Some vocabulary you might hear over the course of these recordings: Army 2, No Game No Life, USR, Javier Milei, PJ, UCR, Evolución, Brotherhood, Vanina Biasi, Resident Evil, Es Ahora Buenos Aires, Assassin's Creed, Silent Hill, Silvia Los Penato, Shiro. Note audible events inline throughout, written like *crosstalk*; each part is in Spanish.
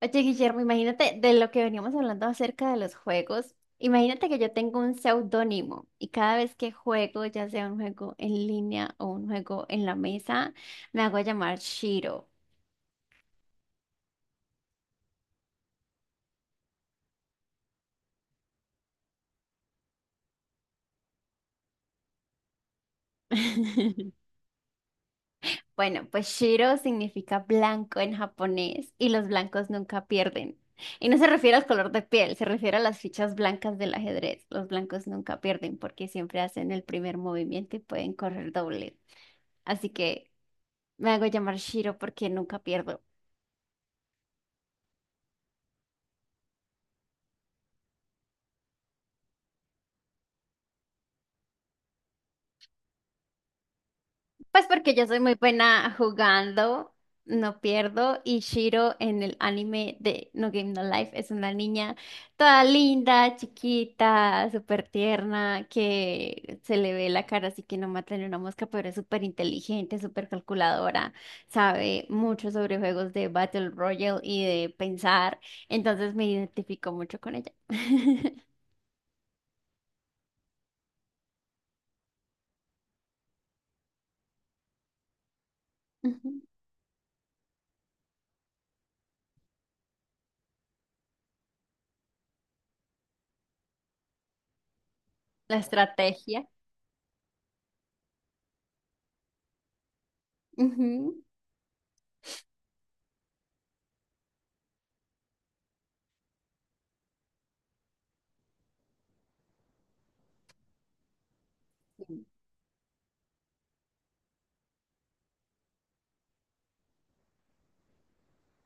Oye, Guillermo, imagínate de lo que veníamos hablando acerca de los juegos. Imagínate que yo tengo un seudónimo y cada vez que juego, ya sea un juego en línea o un juego en la mesa, me hago llamar Shiro. *laughs* Bueno, pues Shiro significa blanco en japonés y los blancos nunca pierden. Y no se refiere al color de piel, se refiere a las fichas blancas del ajedrez. Los blancos nunca pierden porque siempre hacen el primer movimiento y pueden correr doble. Así que... me hago llamar Shiro porque nunca pierdo. Pues porque yo soy muy buena jugando, no pierdo. Y Shiro en el anime de No Game No Life es una niña toda linda, chiquita, súper tierna, que se le ve la cara así que no mata ni una mosca, pero es súper inteligente, súper calculadora, sabe mucho sobre juegos de Battle Royale y de pensar. Entonces me identifico mucho con ella. *laughs* Ujú. La estrategia. Ujú.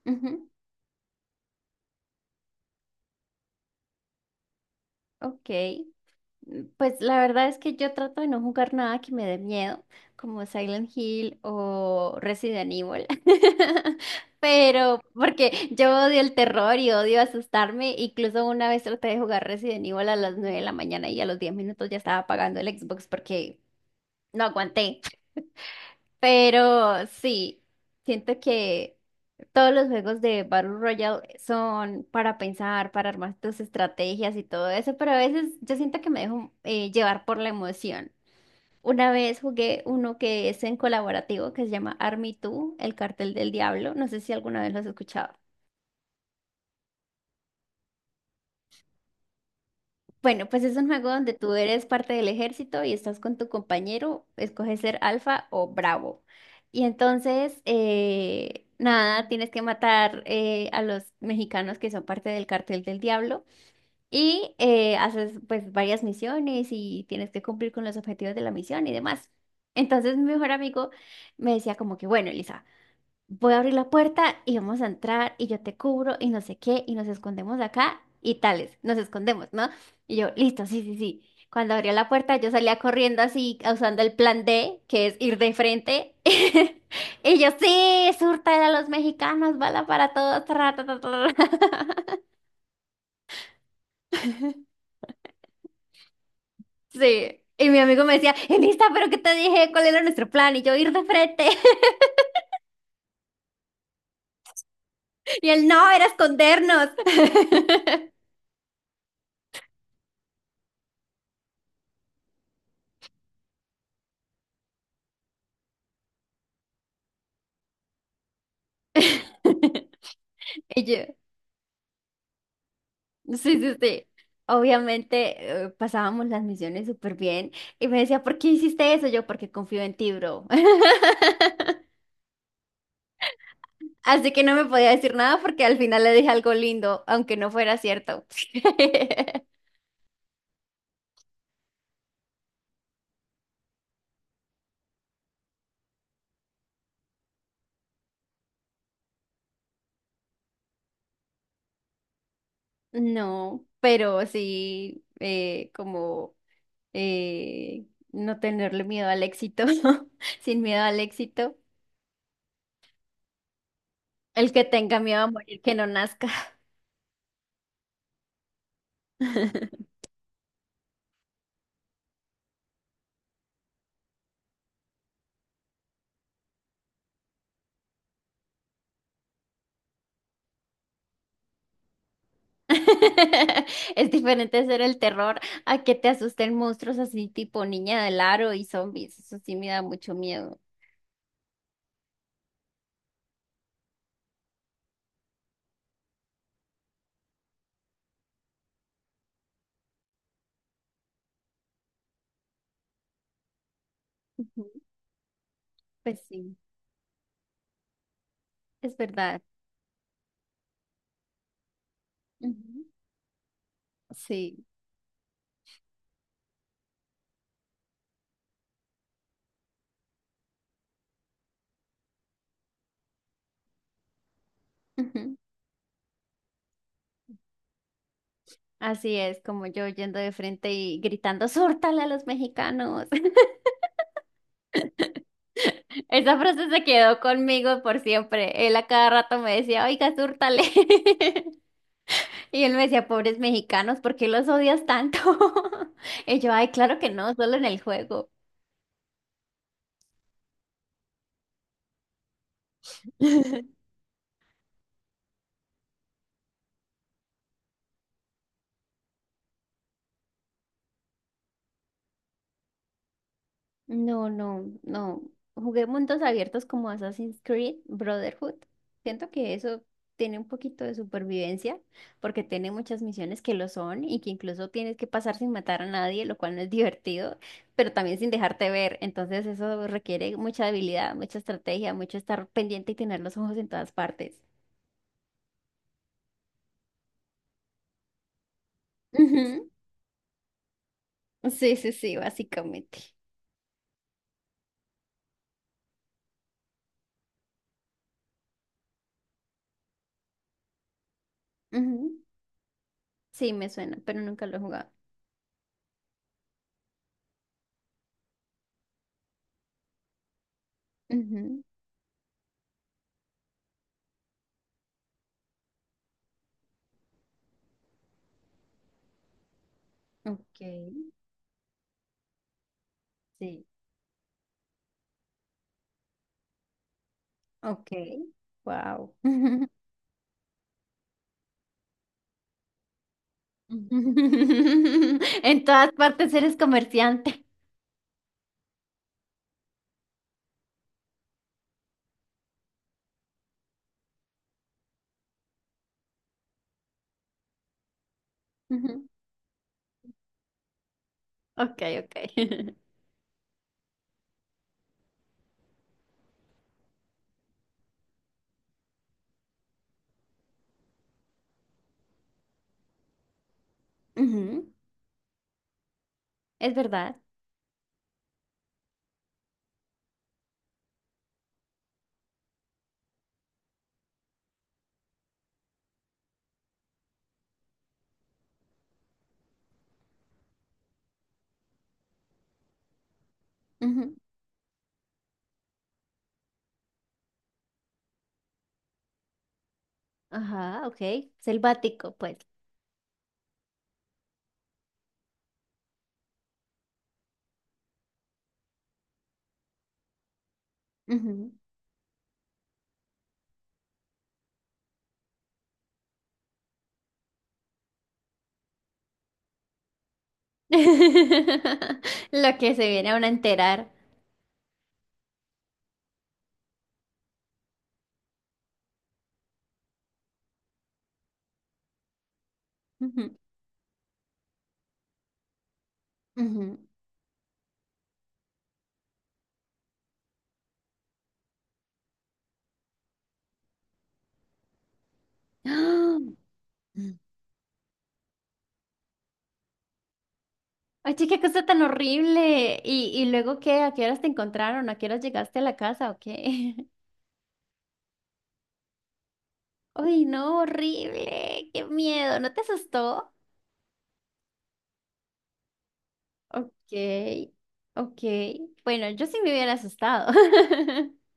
Ujú. Ok. Mm, pues la verdad es que yo trato de no jugar nada que me dé miedo, como Silent Hill o Resident Evil, *laughs* pero porque yo odio el terror y odio asustarme, incluso una vez traté de jugar Resident Evil a las 9 de la mañana y a los 10 minutos ya estaba apagando el Xbox porque no aguanté. Pero sí, siento que todos los juegos de Battle Royale son para pensar, para armar tus estrategias y todo eso, pero a veces yo siento que me dejo llevar por la emoción. Una vez jugué uno que es en colaborativo que se llama Army 2, el cartel del diablo. No sé si alguna vez lo has escuchado. Bueno, pues es un juego donde tú eres parte del ejército y estás con tu compañero, escoges ser alfa o bravo. Y entonces, nada, tienes que matar a los mexicanos que son parte del cartel del diablo y haces pues varias misiones y tienes que cumplir con los objetivos de la misión y demás. Entonces mi mejor amigo me decía como que, bueno, Elisa, voy a abrir la puerta y vamos a entrar y yo te cubro y no sé qué y nos escondemos acá y tales, nos escondemos, ¿no? Y yo, listo, sí, sí, sí. Cuando abría la puerta yo salía corriendo así, usando el plan D, que es ir de frente. *laughs* Y yo, sí, surta a los mexicanos, bala para todos. Tra, tra, tra, tra, tra". *laughs* Sí. Y mi amigo me decía, Elisa, ¿pero qué te dije? ¿Cuál era nuestro plan? Y yo, ir de frente. *laughs* Y él, no, era escondernos. *laughs* Y yo, sí, sí, sí. Obviamente pasábamos las misiones súper bien y me decía, ¿por qué hiciste eso? Yo, porque confío en ti, bro. *laughs* Así que no me podía decir nada porque al final le dije algo lindo, aunque no fuera cierto. *laughs* No, pero sí, como eh, no tenerle miedo al éxito, *laughs* sin miedo al éxito. El que tenga miedo a morir, que no nazca. *laughs* *laughs* Es diferente ser el terror a que te asusten monstruos así tipo niña del aro y zombies. Eso sí me da mucho miedo. Ujú. Pues sí, es verdad. Ujú. Sí. Ujú. Así es, como yo yendo de frente y gritando, ¡Súrtale a los mexicanos! *laughs* Esa frase se quedó conmigo por siempre. Él a cada rato me decía, oiga, súrtale. *laughs* Y él me decía, pobres mexicanos, ¿por qué los odias tanto? *laughs* Y yo, ay, claro que no, solo en el juego. *laughs* No, no, no. Jugué mundos abiertos como Assassin's Creed, Brotherhood. Siento que eso tiene un poquito de supervivencia, porque tiene muchas misiones que lo son y que incluso tienes que pasar sin matar a nadie, lo cual no es divertido, pero también sin dejarte ver. Entonces eso requiere mucha habilidad, mucha estrategia, mucho estar pendiente y tener los ojos en todas partes. Ujú. *laughs* Sí, sí, sí, básicamente. Ujú. Sí, me suena, pero nunca lo he jugado. Ujú. Ok, sí. Ok, wow. *laughs* *laughs* En todas partes eres comerciante. Ujú. Ok, ok. *laughs* Ujú. Es verdad. Ujú. Ajá, ok. Selvático, pues. Ujú. *laughs* Lo que se viene a uno a enterar. Ujú. Ujú. *gasps* ¡Ah! Mm. Oye, qué cosa tan horrible. Y luego qué? ¿A qué horas te encontraron? ¿A qué horas llegaste a la casa o qué? *laughs* Ay, no, horrible. Qué miedo. ¿No te asustó? Ok, ok. Bueno, yo sí me hubiera asustado. *laughs*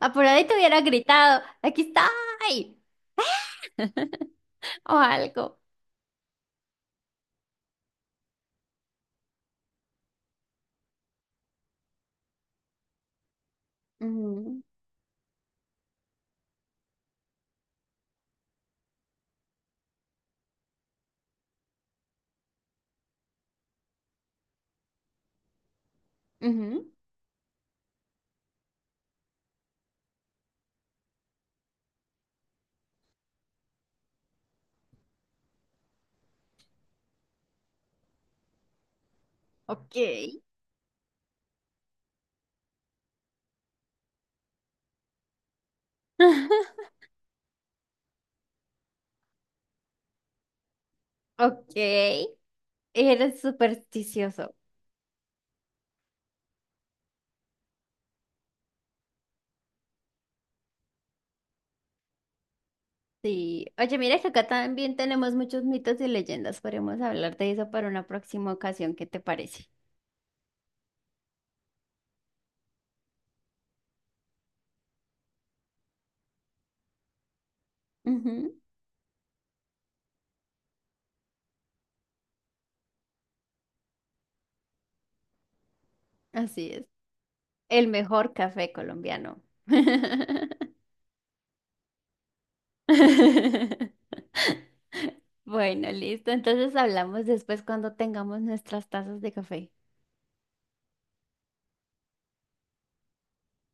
Ah, por ahí te hubiera gritado, aquí está, *laughs* o algo. Ujú, ujú. Ok. *laughs* Ok. Eres supersticioso. Sí. Oye, mira que acá también tenemos muchos mitos y leyendas. Podemos hablar de eso para una próxima ocasión. ¿Qué te parece? Ujú. Así es. El mejor café colombiano. *laughs* Bueno, listo. Entonces hablamos después cuando tengamos nuestras tazas de café.